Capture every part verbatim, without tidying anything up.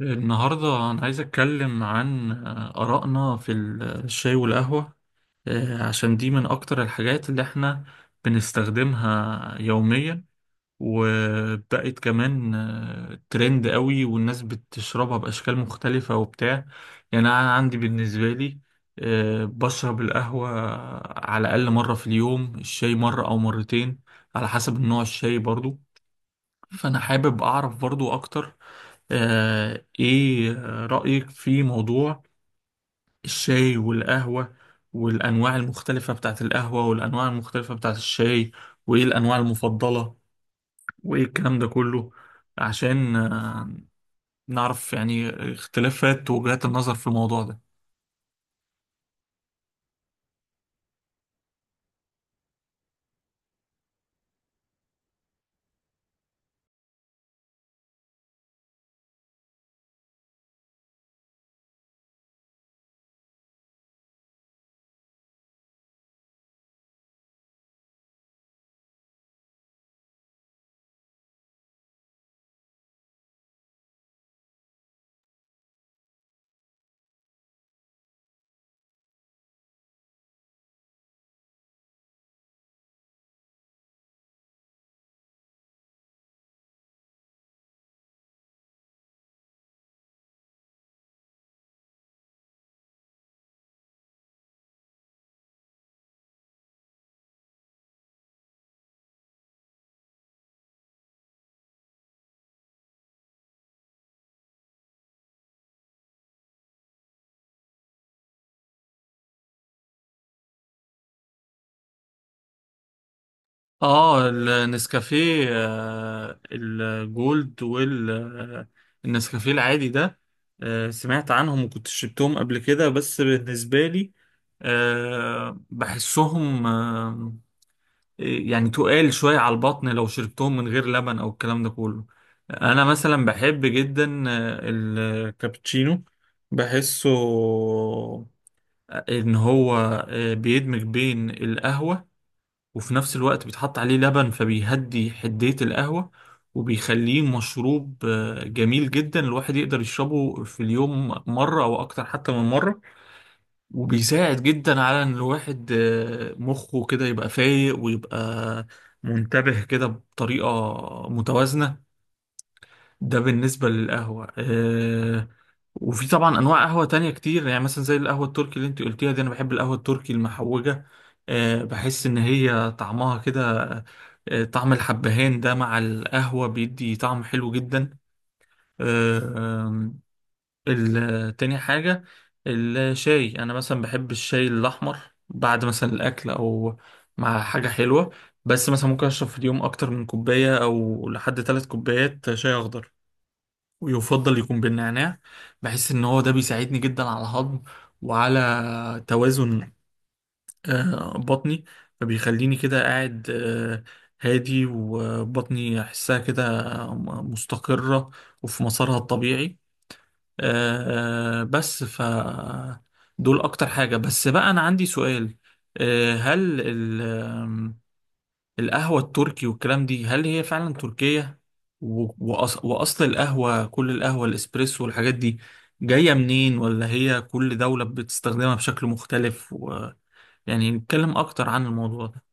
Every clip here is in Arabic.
النهاردة أنا عايز أتكلم عن آه، آرائنا في ال- الشاي والقهوة. آه، عشان دي من أكتر الحاجات اللي إحنا بنستخدمها يوميا، وبقت كمان آه، ترند قوي والناس بتشربها بأشكال مختلفة وبتاع. يعني أنا عندي بالنسبة لي آه، بشرب القهوة على الأقل مرة في اليوم، الشاي مرة أو مرتين على حسب النوع، الشاي برضو. فأنا حابب أعرف برضو أكتر آه، إيه رأيك في موضوع الشاي والقهوة، والأنواع المختلفة بتاعت القهوة والأنواع المختلفة بتاعت الشاي، وإيه الأنواع المفضلة، وإيه الكلام ده كله، عشان آه، نعرف يعني اختلافات وجهات النظر في الموضوع ده. اه، النسكافيه آه، الجولد والنسكافيه العادي ده آه، سمعت عنهم وكنت شربتهم قبل كده، بس بالنسبة لي آه، بحسهم آه، إيه، يعني تقال شوية على البطن لو شربتهم من غير لبن أو الكلام ده كله. أنا مثلا بحب جدا آه، الكابتشينو، بحسه آه، إن هو آه، بيدمج بين القهوة وفي نفس الوقت بيتحط عليه لبن فبيهدي حدية القهوة، وبيخليه مشروب آه، جميل جدا الواحد يقدر يشربه في اليوم مرة أو أكتر حتى من مرة، وبيساعد جدا على إن الواحد آه، مخه كده يبقى فايق ويبقى منتبه كده بطريقة متوازنة. ده بالنسبة للقهوة آه، وفي طبعا انواع قهوه تانية كتير، يعني مثلا زي القهوه التركي اللي انت قلتيها دي، انا بحب القهوه التركي المحوجه. أه بحس ان هي طعمها كده آه، طعم الحبهان ده مع القهوه بيدي طعم حلو جدا. أه آم، ال- تاني حاجه الشاي، انا مثلا بحب الشاي الاحمر بعد مثلا الاكل او مع حاجه حلوه، بس مثلا ممكن اشرب في اليوم اكتر من كوبايه او لحد ثلاث كوبايات شاي اخضر، ويفضل يكون بالنعناع. بحس ان هو ده بيساعدني جدا على الهضم وعلى توازن آه، بطني، فبيخليني كده قاعد آه، هادي وبطني احسها كده م- مستقرة وفي مسارها الطبيعي. آه، بس ف دول اكتر حاجة. بس بقى انا عندي سؤال، آه، هل القهوة التركي والكلام دي هل هي فعلا تركية؟ و- وأص... وأصل القهوة، كل القهوة، الإسبريسو والحاجات دي، جاية منين؟ ولا هي كل دولة بتستخدمها بشكل مختلف و... يعني نتكلم أكتر عن الموضوع ده.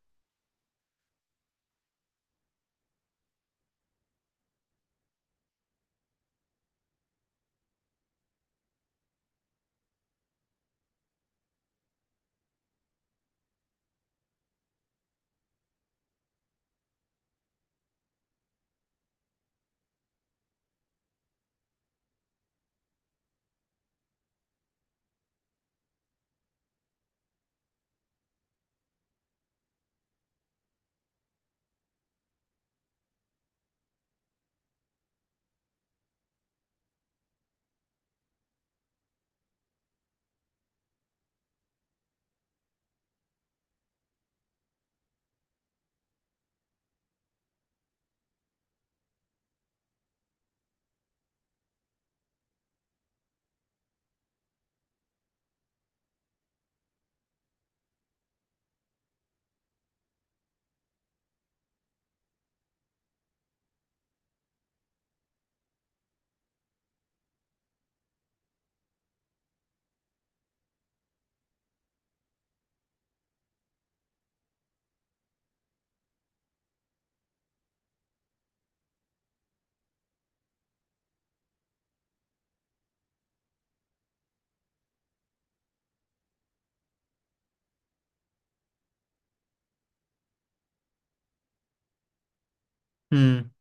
مم.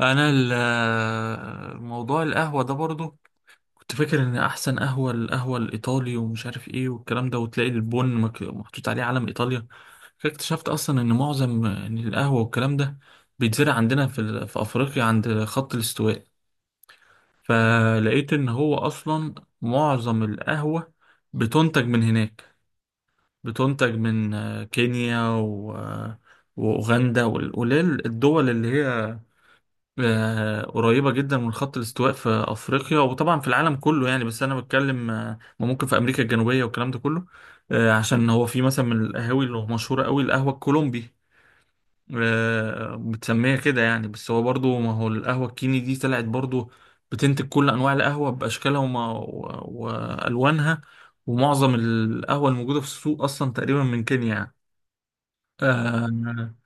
أنا ال- موضوع القهوة ده برضو كنت فاكر ان احسن قهوه، القهوه الايطالي، ومش عارف ايه والكلام ده، وتلاقي البن مك- محطوط عليه علم ايطاليا. فجأة اكتشفت اصلا ان معظم إن القهوه والكلام ده بيتزرع عندنا في ال- في افريقيا عند خط الاستواء. فلقيت ان هو اصلا معظم القهوه بتنتج من هناك، بتنتج من آه، كينيا و- آه، واوغندا والقليل الدول اللي هي آه، قريبة جدا من خط الاستواء في أفريقيا، وطبعا في العالم كله يعني، بس أنا بتكلم آه، ما ممكن في أمريكا الجنوبية والكلام ده كله. آه، عشان هو في مثلا من القهاوي اللي مشهورة قوي القهوة الكولومبي، آه، بتسميها كده يعني، بس هو برضو ما هو القهوة الكيني دي طلعت برضو بتنتج كل أنواع القهوة بأشكالها وما و- وألوانها، ومعظم القهوة الموجودة في السوق أصلا تقريبا من كينيا يعني آه،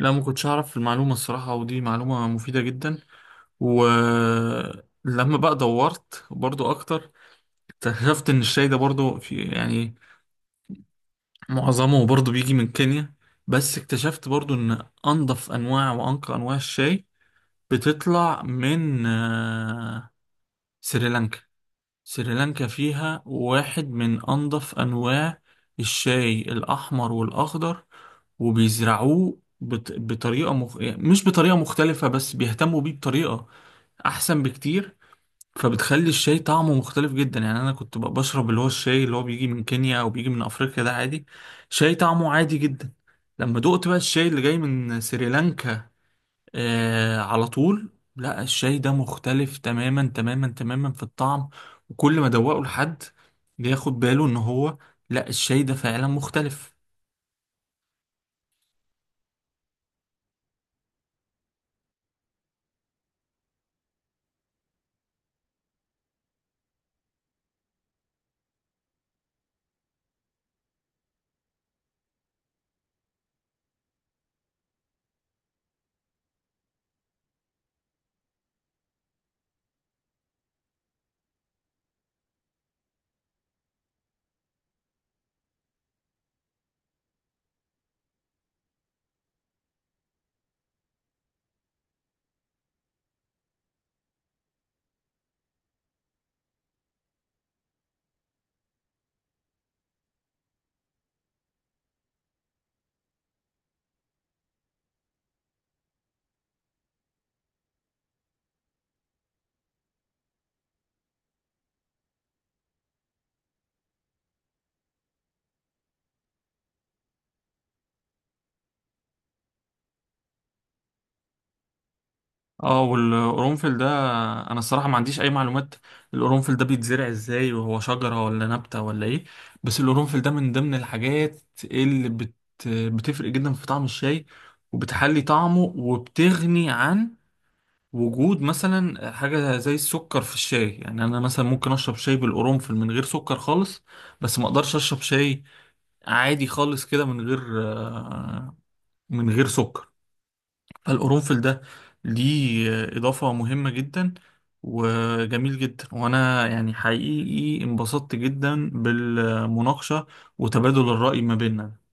لا، ما كنتش أعرف المعلومة الصراحة، ودي معلومة مفيدة جدا. ولما بقى دورت برضو اكتر، اكتشفت ان الشاي ده برضو في، يعني معظمه برضو بيجي من كينيا، بس اكتشفت برضو ان انضف انواع وانقى انواع الشاي بتطلع من آه، سريلانكا. سريلانكا فيها واحد من انضف انواع الشاي، الاحمر والاخضر، وبيزرعوه بط- بطريقة مخ... يعني مش بطريقة مختلفة، بس بيهتموا بيه بطريقة أحسن بكتير، فبتخلي الشاي طعمه مختلف جدا. يعني انا كنت بقى بشرب اللي هو الشاي اللي هو بيجي من كينيا او بيجي من افريقيا ده عادي، شاي طعمه عادي جدا. لما دقت بقى الشاي اللي جاي من سريلانكا، آه على طول، لا الشاي ده مختلف تماما تماما تماما في الطعم. وكل ما ادوقه لحد بياخد باله ان هو لا الشاي ده فعلا مختلف. اه، والقرنفل ده انا الصراحه ما عنديش اي معلومات، القرنفل ده بيتزرع ازاي؟ وهو شجره ولا نبته ولا ايه؟ بس القرنفل ده من ضمن الحاجات اللي بت بتفرق جدا في طعم الشاي، وبتحلي طعمه، وبتغني عن وجود مثلا حاجه زي السكر في الشاي. يعني انا مثلا ممكن اشرب شاي بالقرنفل من غير سكر خالص، بس ما اقدرش اشرب شاي عادي خالص كده من غير آه، من غير سكر. فالقرنفل ده ليه إضافة مهمة جدا وجميل جدا، وأنا يعني حقيقي انبسطت جدا بالمناقشة وتبادل الرأي ما بيننا.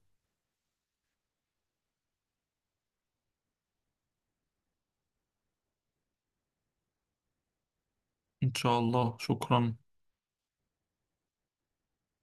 إن شاء الله. شكرا.